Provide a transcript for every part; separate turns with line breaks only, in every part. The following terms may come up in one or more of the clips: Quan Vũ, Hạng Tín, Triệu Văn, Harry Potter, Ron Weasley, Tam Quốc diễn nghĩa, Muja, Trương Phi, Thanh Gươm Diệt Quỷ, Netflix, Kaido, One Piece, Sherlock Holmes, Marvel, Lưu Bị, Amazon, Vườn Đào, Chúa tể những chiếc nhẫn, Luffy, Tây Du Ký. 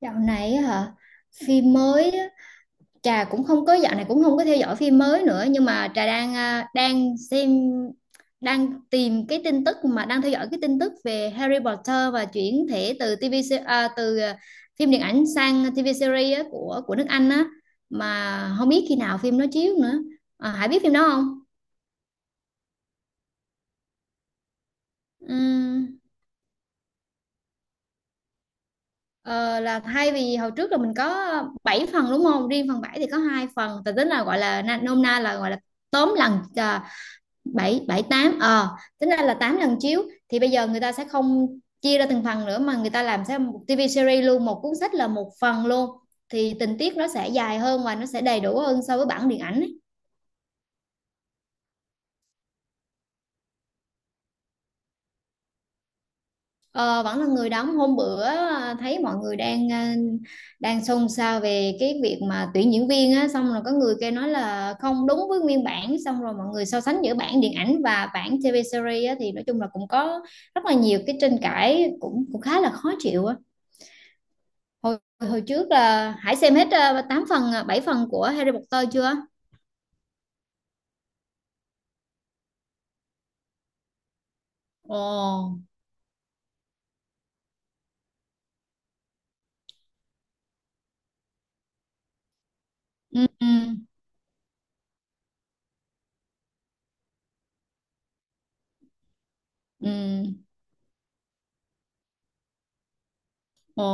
Dạo này á hả phim mới á, Trà cũng không có dạo này cũng không có theo dõi phim mới nữa nhưng mà Trà đang đang xem đang tìm cái tin tức mà đang theo dõi cái tin tức về Harry Potter và chuyển thể từ TV phim điện ảnh sang TV series á, của nước Anh á mà không biết khi nào phim nó chiếu nữa. Hải biết phim đó không? Ừm, ờ, là thay vì hồi trước là mình có 7 phần đúng không? Riêng phần 7 thì có hai phần, từ tính là gọi là nôm na là gọi là tóm lần bảy bảy tám tính ra là 8 lần chiếu, thì bây giờ người ta sẽ không chia ra từng phần nữa mà người ta làm sẽ một TV series luôn, một cuốn sách là một phần luôn, thì tình tiết nó sẽ dài hơn và nó sẽ đầy đủ hơn so với bản điện ảnh ấy. Ờ, vẫn là người đóng. Hôm bữa thấy mọi người đang đang xôn xao về cái việc mà tuyển diễn viên á, xong rồi có người kêu nói là không đúng với nguyên bản, xong rồi mọi người so sánh giữa bản điện ảnh và bản TV series á, thì nói chung là cũng có rất là nhiều cái tranh cãi, cũng cũng khá là khó chịu á. Hồi hồi trước là Hải xem hết 8 phần 7 phần của Harry Potter chưa? Ồ, ừ, ừ, ừ, ồ.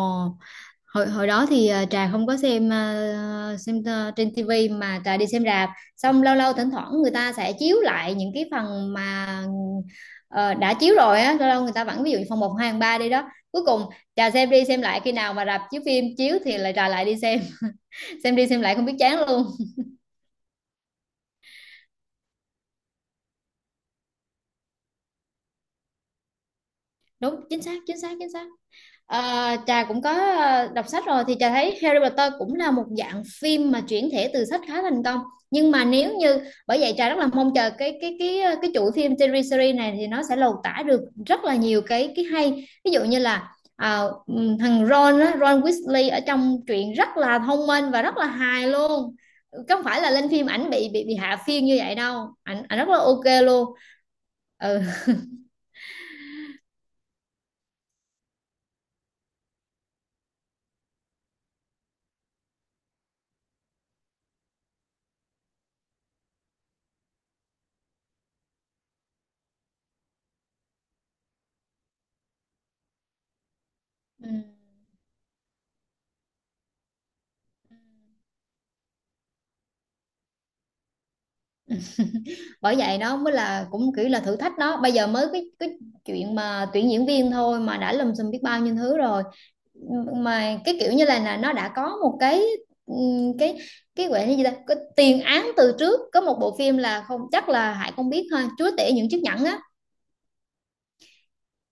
Hồi hồi đó thì Trà không có xem trên tivi mà Trà đi xem rạp. Xong lâu lâu thỉnh thoảng người ta sẽ chiếu lại những cái phần mà ờ, đã chiếu rồi á, lâu lâu người ta vẫn ví dụ như phần một, 2 phần 3 đi đó. Cuối cùng Trà xem đi xem lại, khi nào mà rạp chiếu phim chiếu thì lại Trà lại đi xem, xem đi xem lại không biết chán luôn. Đúng, chính xác, chính xác, chính xác. Ờ, trà cũng có đọc sách rồi thì trà thấy Harry Potter cũng là một dạng phim mà chuyển thể từ sách khá thành công, nhưng mà nếu như bởi vậy trà rất là mong chờ cái chuỗi phim series series này thì nó sẽ lột tả được rất là nhiều cái hay, ví dụ như là thằng Ron á, Ron Weasley ở trong truyện rất là thông minh và rất là hài luôn, không phải là lên phim ảnh bị hạ phiên như vậy đâu, ảnh ảnh rất là ok luôn. Ừ, bởi vậy nó mới là cũng kiểu là thử thách. Nó bây giờ mới cái chuyện mà tuyển diễn viên thôi mà đã lùm xùm biết bao nhiêu thứ rồi, mà cái kiểu như là nó đã có một cái cái gọi là gì ta, cái tiền án từ trước, có một bộ phim là, không chắc là Hải không biết thôi, Chúa tể những chiếc nhẫn á,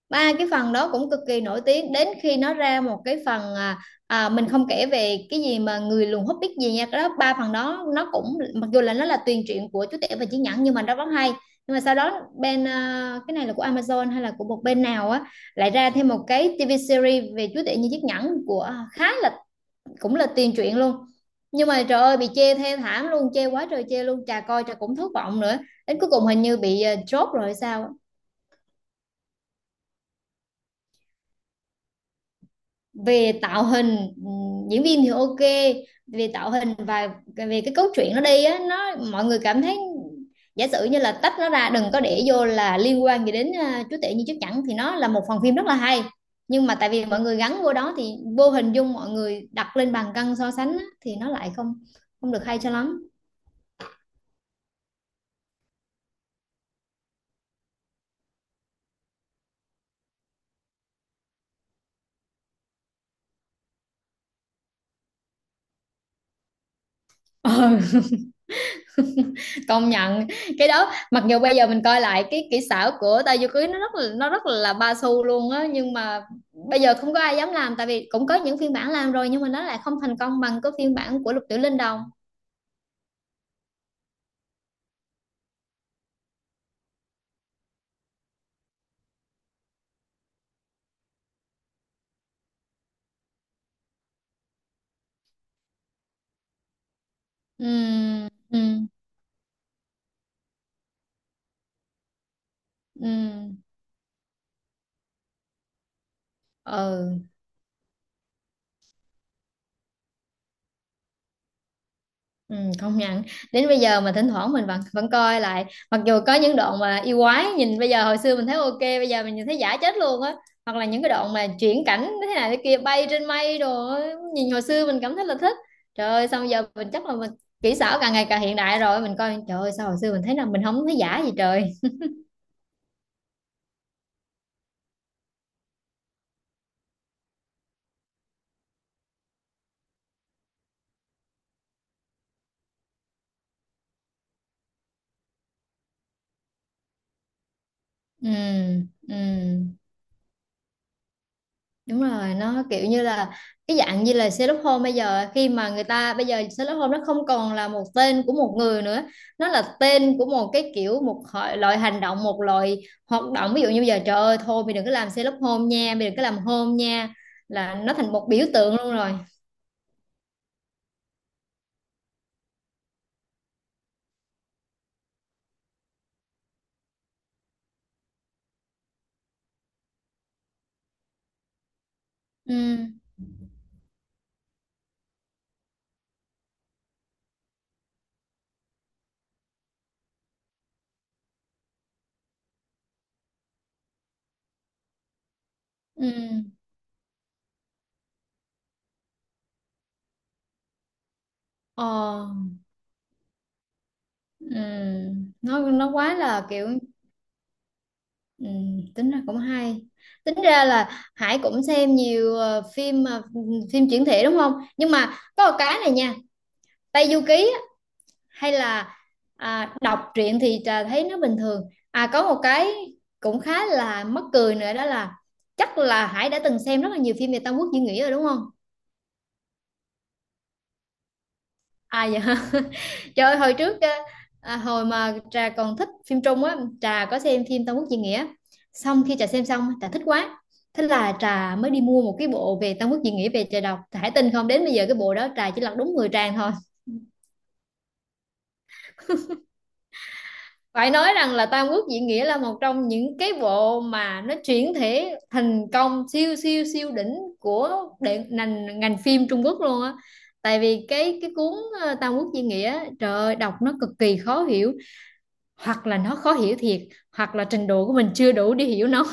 ba cái phần đó cũng cực kỳ nổi tiếng. Đến khi nó ra một cái phần mình không kể về cái gì mà người lùn hút biết gì nha, cái đó ba phần đó nó cũng mặc dù là nó là tuyền truyện của chú tể và chí nhẫn nhưng mà nó rất hay. Nhưng mà sau đó bên cái này là của Amazon hay là của một bên nào á, lại ra thêm một cái TV series về chú tể như chiếc nhẫn của khá là cũng là tuyền truyện luôn, nhưng mà trời ơi bị chê thê thảm luôn, chê quá trời chê luôn, chà coi chà cũng thất vọng nữa, đến cuối cùng hình như bị chốt rồi sao. Về tạo hình ừ, diễn viên thì ok, về tạo hình và về cái cốt truyện nó đi á, nó mọi người cảm thấy giả sử như là tách nó ra đừng có để vô là liên quan gì đến chúa tể như chúa chẳng thì nó là một phần phim rất là hay, nhưng mà tại vì mọi người gắn vô đó thì vô hình dung mọi người đặt lên bàn cân so sánh á, thì nó lại không không được hay cho lắm. Ờ, công nhận cái đó mặc dù bây giờ mình coi lại cái kỹ xảo của tay vô cưới nó rất là ba xu luôn á, nhưng mà bây giờ không có ai dám làm tại vì cũng có những phiên bản làm rồi nhưng mà nó lại không thành công bằng cái phiên bản của Lục Tiểu Linh đâu. Ừ, ừ, ừ, ừ, ừ, công nhận. Đến bây giờ mà thỉnh thoảng mình vẫn vẫn coi lại, mặc dù có những đoạn mà yêu quái nhìn bây giờ, hồi xưa mình thấy ok, bây giờ mình nhìn thấy giả chết luôn á, hoặc là những cái đoạn mà chuyển cảnh thế này thế kia bay trên mây rồi nhìn hồi xưa mình cảm thấy là thích, trời ơi, xong giờ mình chắc là mình kỹ xảo càng ngày càng hiện đại rồi mình coi trời ơi sao hồi xưa mình thấy là mình không thấy giả gì trời. Ừ, ừ, đúng rồi, nó kiểu như là cái dạng như là Sherlock Holmes bây giờ, khi mà người ta bây giờ Sherlock Holmes nó không còn là một tên của một người nữa, nó là tên của một cái kiểu một loại hành động, một loại hoạt động, ví dụ như bây giờ trời ơi thôi mày đừng có làm Sherlock Holmes nha, mày đừng có làm Holmes nha, là nó thành một biểu tượng luôn rồi. Ừ, ừ, ờ, ừ, nó quá là kiểu. Ừ, tính ra cũng hay, tính ra là Hải cũng xem nhiều phim phim chuyển thể đúng không, nhưng mà có một cái này nha, Tây Du Ký á, hay là đọc truyện thì trà thấy nó bình thường. À, có một cái cũng khá là mắc cười nữa đó là chắc là Hải đã từng xem rất là nhiều phim về Tam Quốc diễn nghĩa rồi đúng không? À dạ. Trời ơi, hồi trước hồi mà Trà còn thích phim Trung á, Trà có xem phim Tam Quốc diễn nghĩa. Xong khi Trà xem xong, Trà thích quá. Thế là Trà mới đi mua một cái bộ về Tam Quốc diễn nghĩa về Trà đọc. Trà hãy tin không, đến bây giờ cái bộ đó Trà chỉ lật đúng 10 trang thôi. Phải nói rằng là Tam Quốc diễn nghĩa là một trong những cái bộ mà nó chuyển thể thành công siêu siêu siêu đỉnh của đệ, ngành ngành phim Trung Quốc luôn á. Tại vì cái cuốn Tam Quốc diễn nghĩa, trời ơi, đọc nó cực kỳ khó hiểu, hoặc là nó khó hiểu thiệt, hoặc là trình độ của mình chưa đủ để hiểu nó.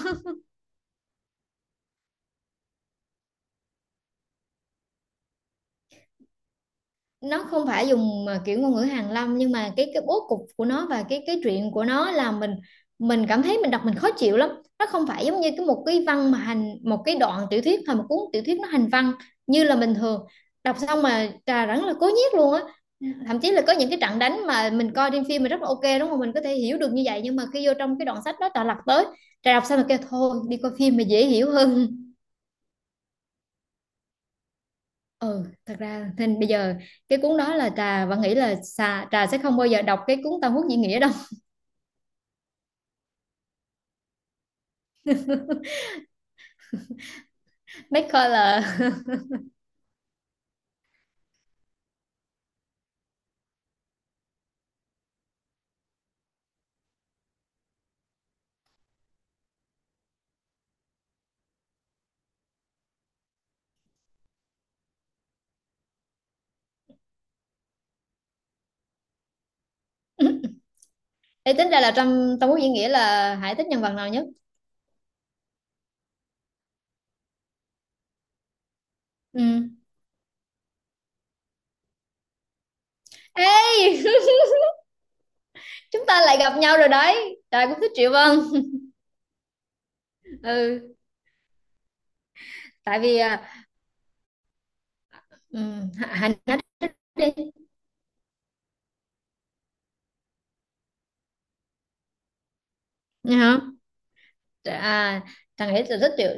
Nó không phải dùng mà kiểu ngôn ngữ hàn lâm, nhưng mà cái bố cục của nó và cái chuyện của nó là mình cảm thấy mình đọc mình khó chịu lắm, nó không phải giống như cái một cái văn mà hành một cái đoạn tiểu thuyết hay một cuốn tiểu thuyết nó hành văn như là bình thường, đọc xong mà trà rất là cố nhiếc luôn á. Thậm chí là có những cái trận đánh mà mình coi trên phim mà rất là ok đúng không, mình có thể hiểu được như vậy, nhưng mà khi vô trong cái đoạn sách đó trà lật tới, trà đọc xong là kêu thôi đi coi phim mà dễ hiểu hơn. Ừ, thật ra nên bây giờ cái cuốn đó là Trà vẫn nghĩ là xà, Trà sẽ không bao giờ đọc cái cuốn Tam Quốc diễn nghĩa đâu. Mấy coi là Ê, tính ra là trong Tam Quốc diễn nghĩa là Hải thích nhân vật nào nhất? Ừ. Ê, chúng ta lại gặp nhau rồi đấy. Trà cũng thích Triệu Vân. Ừ, tại vì ừ, Hải Hải nói đi. Nghe không? Trà, à, Trà nghĩ là thích Triệu,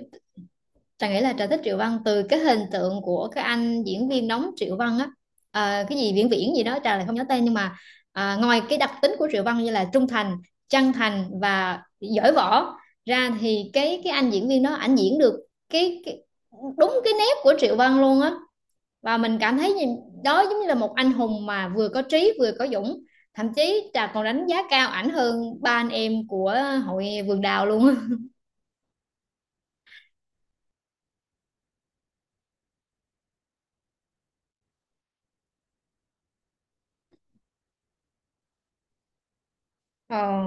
Trà nghĩ là Trà thích Triệu Văn từ cái hình tượng của cái anh diễn viên đóng Triệu Văn á. Ờ, cái gì Viễn Viễn gì đó Trà lại không nhớ tên, nhưng mà ngoài cái đặc tính của Triệu Văn như là trung thành, chân thành và giỏi võ ra thì cái anh diễn viên đó ảnh diễn được cái đúng cái nét của Triệu Văn luôn á, và mình cảm thấy như, đó giống như là một anh hùng mà vừa có trí vừa có dũng, thậm chí Trà còn đánh giá cao ảnh hơn ba anh em của hội Vườn Đào luôn á. Ờ,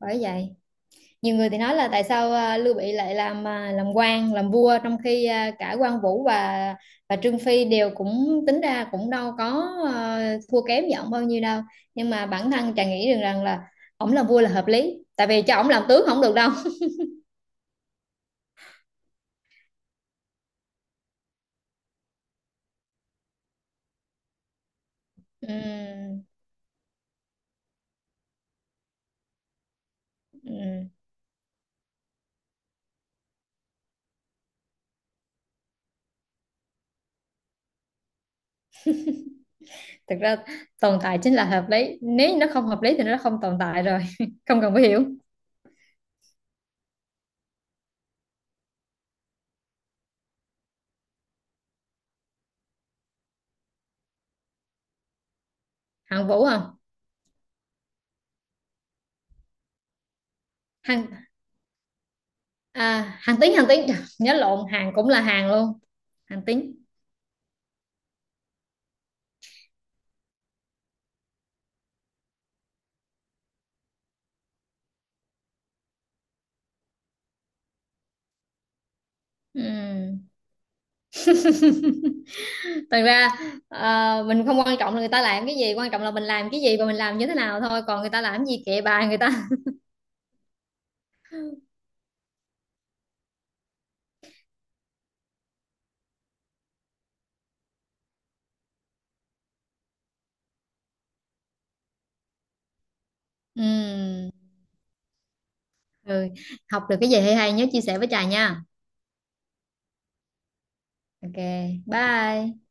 bởi vậy nhiều người thì nói là tại sao Lưu Bị lại làm làm quan làm vua trong khi cả Quan Vũ và Trương Phi đều cũng tính ra cũng đâu có thua kém gì ổng bao nhiêu đâu, nhưng mà bản thân chàng nghĩ rằng rằng là ổng làm vua là hợp lý, tại vì cho ổng làm tướng không được đâu. Ừm, ừm. Thực ra tồn tại chính là hợp lý, nếu như nó không hợp lý thì nó không tồn tại rồi. Không cần phải hiểu. Hạng Vũ không? Hạng Hạng Tín, Hạng Tín. Trời, nhớ lộn, Hạng cũng là Hạng luôn. Hạng Tín. Ừm. Thật ra ờ, mình không quan trọng là người ta làm cái gì, quan trọng là mình làm cái gì và mình làm như thế nào thôi, còn người ta làm cái gì kệ bà người ta. Ừm, ừ. Học được cái gì hay hay nhớ chia sẻ với Trà nha. Ok. Bye.